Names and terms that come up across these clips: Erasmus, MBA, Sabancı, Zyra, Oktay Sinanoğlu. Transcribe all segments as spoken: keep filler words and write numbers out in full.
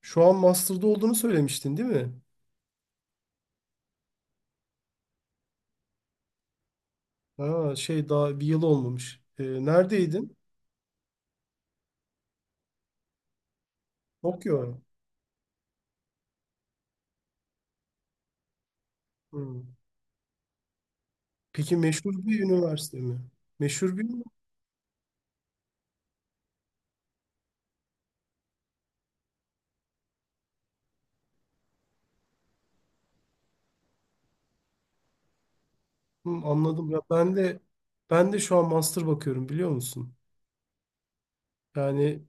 Şu an master'da olduğunu söylemiştin, değil mi? Ha, şey, daha bir yıl olmamış. Ee, neredeydin? Tokyo. Hmm. Peki, meşhur bir üniversite mi? Meşhur bir ünivers- Hmm, anladım. Ya ben de ben de şu an master bakıyorum, biliyor musun? Yani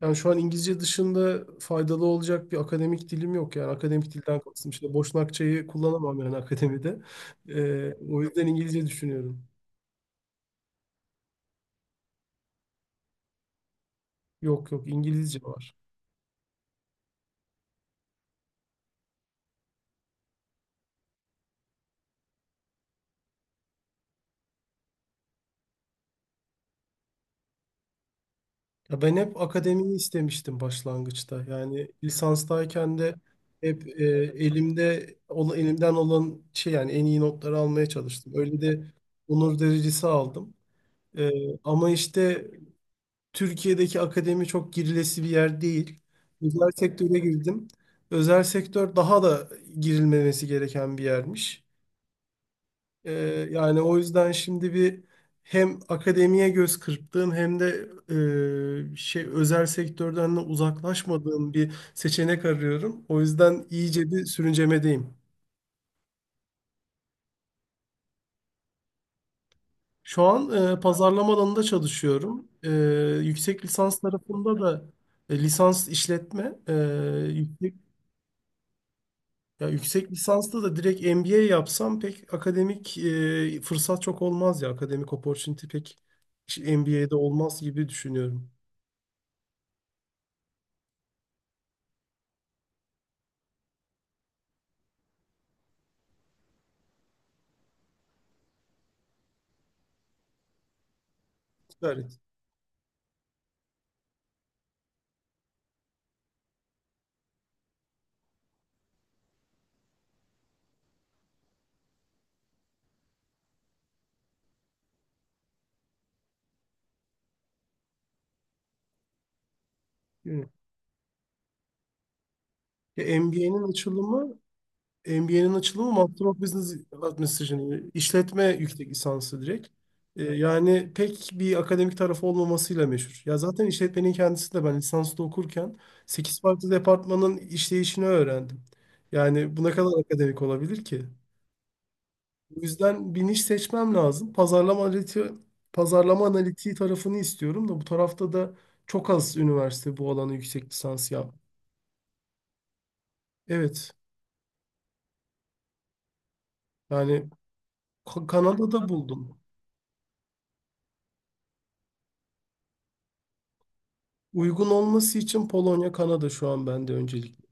yani şu an İngilizce dışında faydalı olacak bir akademik dilim yok, yani akademik dilden kastım işte Boşnakçayı kullanamam yani akademide. Ee, o yüzden İngilizce düşünüyorum. Yok yok, İngilizce var. Ya ben hep akademiyi istemiştim başlangıçta. Yani lisanstayken de hep e, elimde ola- elimden olan şey, yani en iyi notları almaya çalıştım. Öyle de onur derecesi aldım. E, Ama işte Türkiye'deki akademi çok girilesi bir yer değil. Özel sektöre girdim. Özel sektör daha da girilmemesi gereken bir yermiş. Ee, Yani o yüzden şimdi bir hem akademiye göz kırptığım hem de e, şey özel sektörden de uzaklaşmadığım bir seçenek arıyorum. O yüzden iyice bir sürüncemedeyim. Şu an e, pazarlama alanında çalışıyorum. E, yüksek lisans tarafında da e, lisans işletme, e, yüksek, ya yüksek lisansta da direkt M B A yapsam pek akademik e, fırsat çok olmaz ya. Akademik opportunity pek M B A'de olmaz gibi düşünüyorum. Yani, ya M B A'nin açılımı M B A'nin açılımı Master of Business Administration, işletme yüksek lisansı direkt. Ee, yani pek bir akademik tarafı olmamasıyla meşhur. Ya zaten işletmenin kendisi de ben lisansta okurken sekiz farklı departmanın işleyişini öğrendim. Yani bu ne kadar akademik olabilir ki? O yüzden bir niş seçmem lazım. Pazarlama analitiği, pazarlama analitiği tarafını istiyorum da bu tarafta da çok az üniversite bu alana yüksek lisans yap. Evet. Yani Ka- Kanada'da buldum. Uygun olması için Polonya, Kanada şu an bende öncelikli.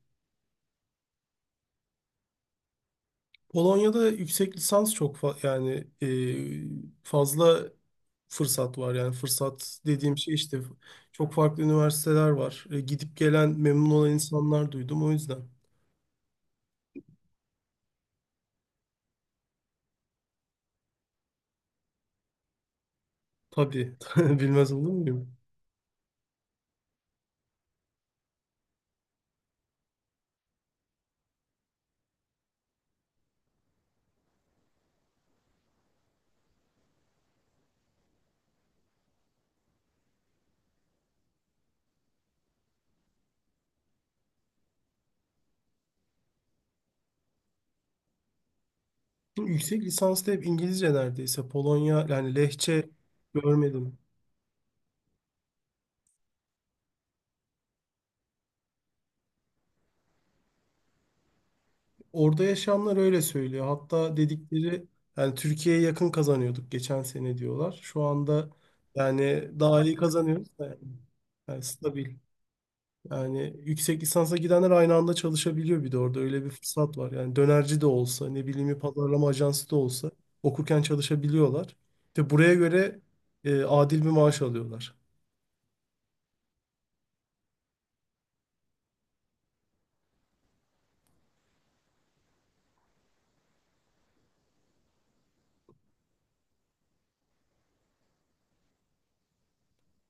Polonya'da yüksek lisans çok fa- yani e, fazla fırsat var. Yani fırsat dediğim şey işte çok farklı üniversiteler var. E, gidip gelen memnun olan insanlar duydum o yüzden. Tabii bilmez olur muyum? Yüksek lisansta hep İngilizce neredeyse. Polonya yani lehçe görmedim. Orada yaşayanlar öyle söylüyor. Hatta dedikleri yani Türkiye'ye yakın kazanıyorduk geçen sene diyorlar. Şu anda yani daha iyi kazanıyoruz da yani, yani stabil. Yani yüksek lisansa gidenler aynı anda çalışabiliyor, bir de orada öyle bir fırsat var. Yani dönerci de olsa, ne bileyim, bir pazarlama ajansı da olsa okurken çalışabiliyorlar. İşte buraya göre e, adil bir maaş alıyorlar.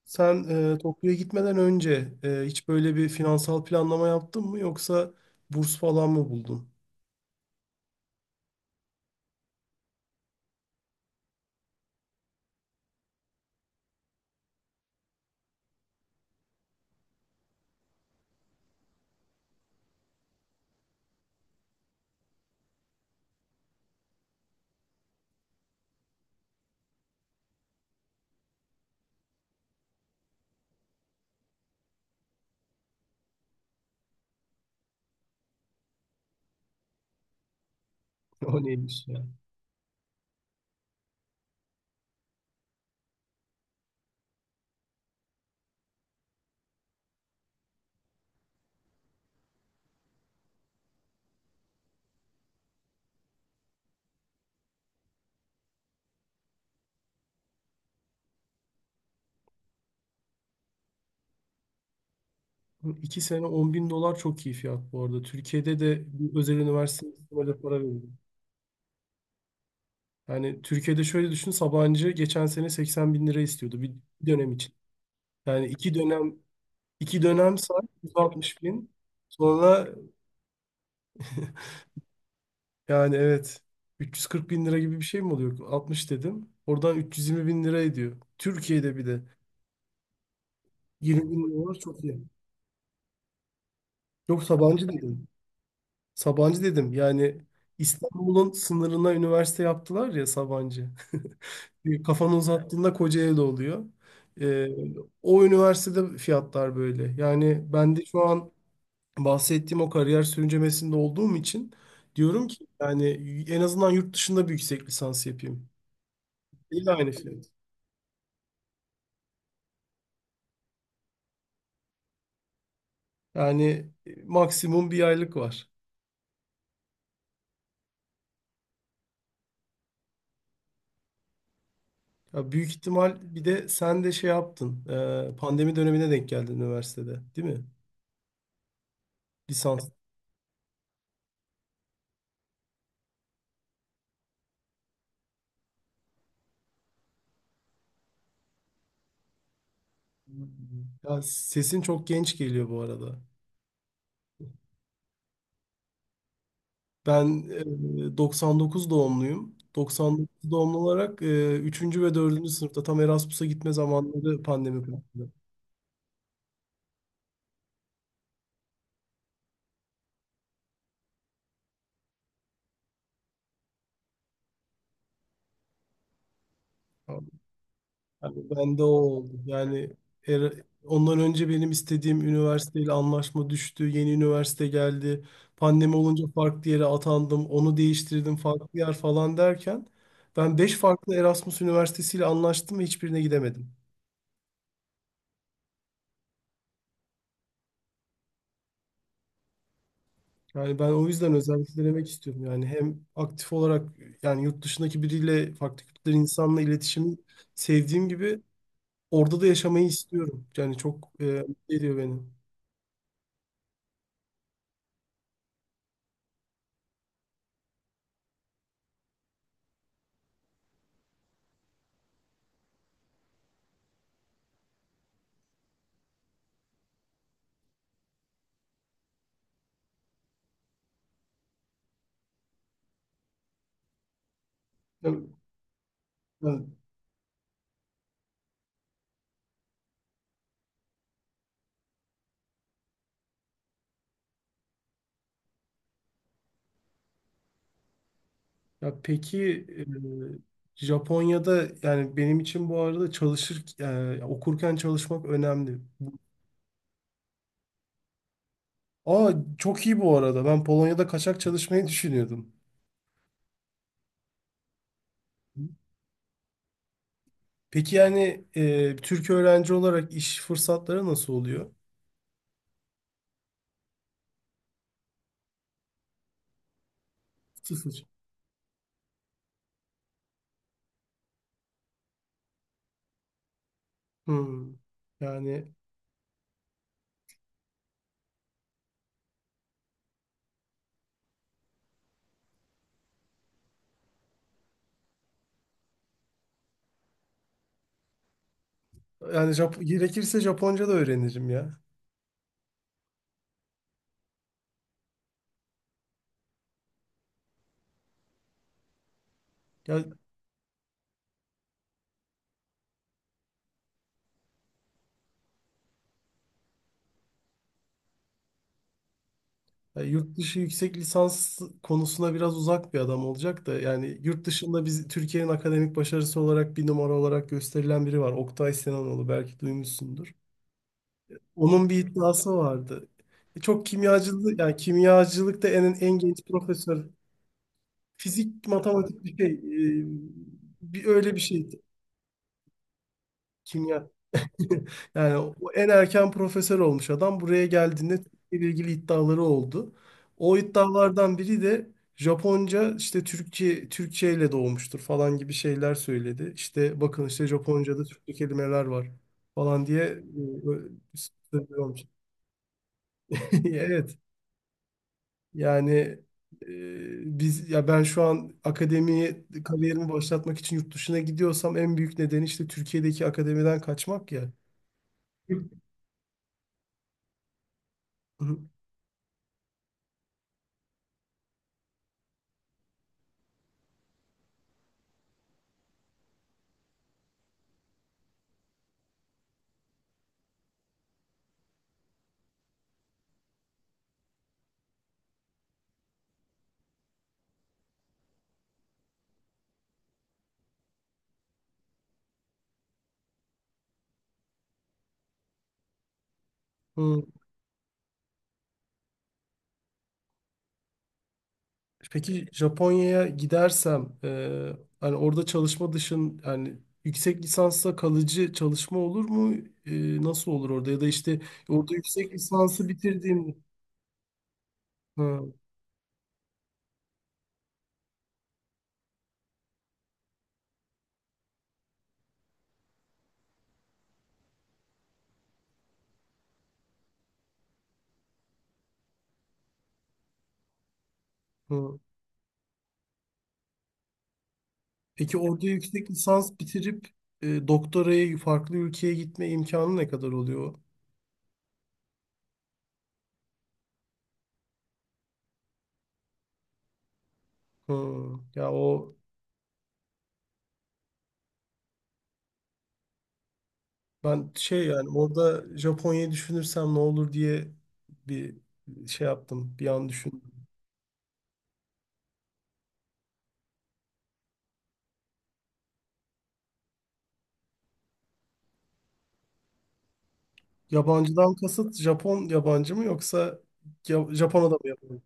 Sen e, Tokyo'ya gitmeden önce e, hiç böyle bir finansal planlama yaptın mı, yoksa burs falan mı buldun? O neymiş ya? İki sene on bin dolar çok iyi fiyat bu arada. Türkiye'de de bir özel üniversiteye böyle para veriyor. Yani Türkiye'de şöyle düşün, Sabancı geçen sene seksen bin lira istiyordu bir bir dönem için. Yani iki dönem iki dönem say, yüz altmış bin. Sonra yani evet üç yüz kırk bin lira gibi bir şey mi oluyor? Altmış dedim. Oradan üç yüz yirmi bin lira ediyor. Türkiye'de bir de yirmi bin dolar çok iyi. Yok, Sabancı dedim. Sabancı dedim. Yani İstanbul'un sınırına üniversite yaptılar ya Sabancı. Bir kafanı uzattığında Kocaeli'de oluyor. Ee, O üniversitede fiyatlar böyle. Yani ben de şu an bahsettiğim o kariyer sürüncemesinde olduğum için diyorum ki yani en azından yurt dışında bir yüksek lisans yapayım. Değil, aynı fiyat. Yani e, maksimum bir aylık var. Ya büyük ihtimal bir de sen de şey yaptın. E, pandemi dönemine denk geldin üniversitede, değil mi? Lisans. Ya sesin çok genç geliyor bu arada. Ben e, doksan dokuz doğumluyum. doksan dokuz doğumlu olarak e, üçüncü ve dördüncü sınıfta tam Erasmus'a gitme zamanları pandemi patladı. Yani ben de o oldu. Yani er- ondan önce benim istediğim üniversiteyle anlaşma düştü. Yeni üniversite geldi. Pandemi olunca farklı yere atandım. Onu değiştirdim, farklı yer falan derken ben beş farklı Erasmus üniversitesiyle anlaştım ve hiçbirine gidemedim. Yani ben o yüzden özellikle denemek istiyorum. Yani hem aktif olarak yani yurt dışındaki biriyle, farklı kültürden insanla iletişimi sevdiğim gibi orada da yaşamayı istiyorum. Yani çok e, mutlu ediyor beni. Yani- yani- ya peki e, Japonya'da yani benim için bu arada çalışır e, okurken çalışmak önemli. Aa çok iyi bu arada. Ben Polonya'da kaçak çalışmayı düşünüyordum. Peki yani e, Türk öğrenci olarak iş fırsatları nasıl oluyor? Sıfır. Hmm. Yani yani Jap gerekirse Japonca da öğrenirim ya. Ya, ya yurt dışı yüksek lisans konusuna biraz uzak bir adam olacak da yani yurt dışında biz Türkiye'nin akademik başarısı olarak bir numara olarak gösterilen biri var. Oktay Sinanoğlu, belki duymuşsundur. Onun bir iddiası vardı. E, Çok kimyacılık yani kimyacılıkta en en genç profesör, fizik matematik bir şey e, bir öyle bir şeydi, kimya. Yani o en erken profesör olmuş adam buraya geldiğinde Türkiye ile ilgili iddiaları oldu. O iddialardan biri de Japonca işte Türkçe Türkçe ile doğmuştur falan gibi şeyler söyledi. İşte bakın, işte Japonca'da Türkçe kelimeler var falan diye e, ö- söylüyormuş. Evet. Yani e, biz ya ben şu an akademiye kariyerimi başlatmak için yurt dışına gidiyorsam en büyük nedeni işte Türkiye'deki akademiden kaçmak ya. Hı hı. Peki Japonya'ya gidersem e, hani orada çalışma dışın yani yüksek lisansla kalıcı çalışma olur mu? E, nasıl olur orada, ya da işte orada yüksek lisansı bitirdiğimde. Hı, hı. Peki orada yüksek lisans bitirip e, doktoraya farklı ülkeye gitme imkanı ne kadar oluyor? Hı. Ya o ben şey, yani orada Japonya'yı düşünürsem ne olur diye bir şey yaptım bir an. Yabancıdan kasıt Japon yabancı mı, yoksa ya- Japonya'da mı yabancı?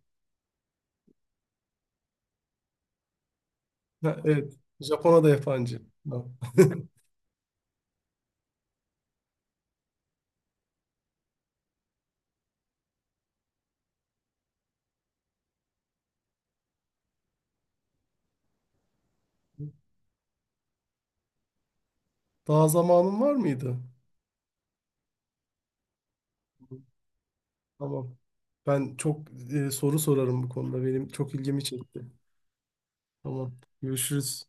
Ha, evet. Japonya'da yabancı. Ha. Daha zamanın var mıydı? Tamam. Ben çok e, soru sorarım bu konuda. Benim çok ilgimi çekti. Tamam. Görüşürüz.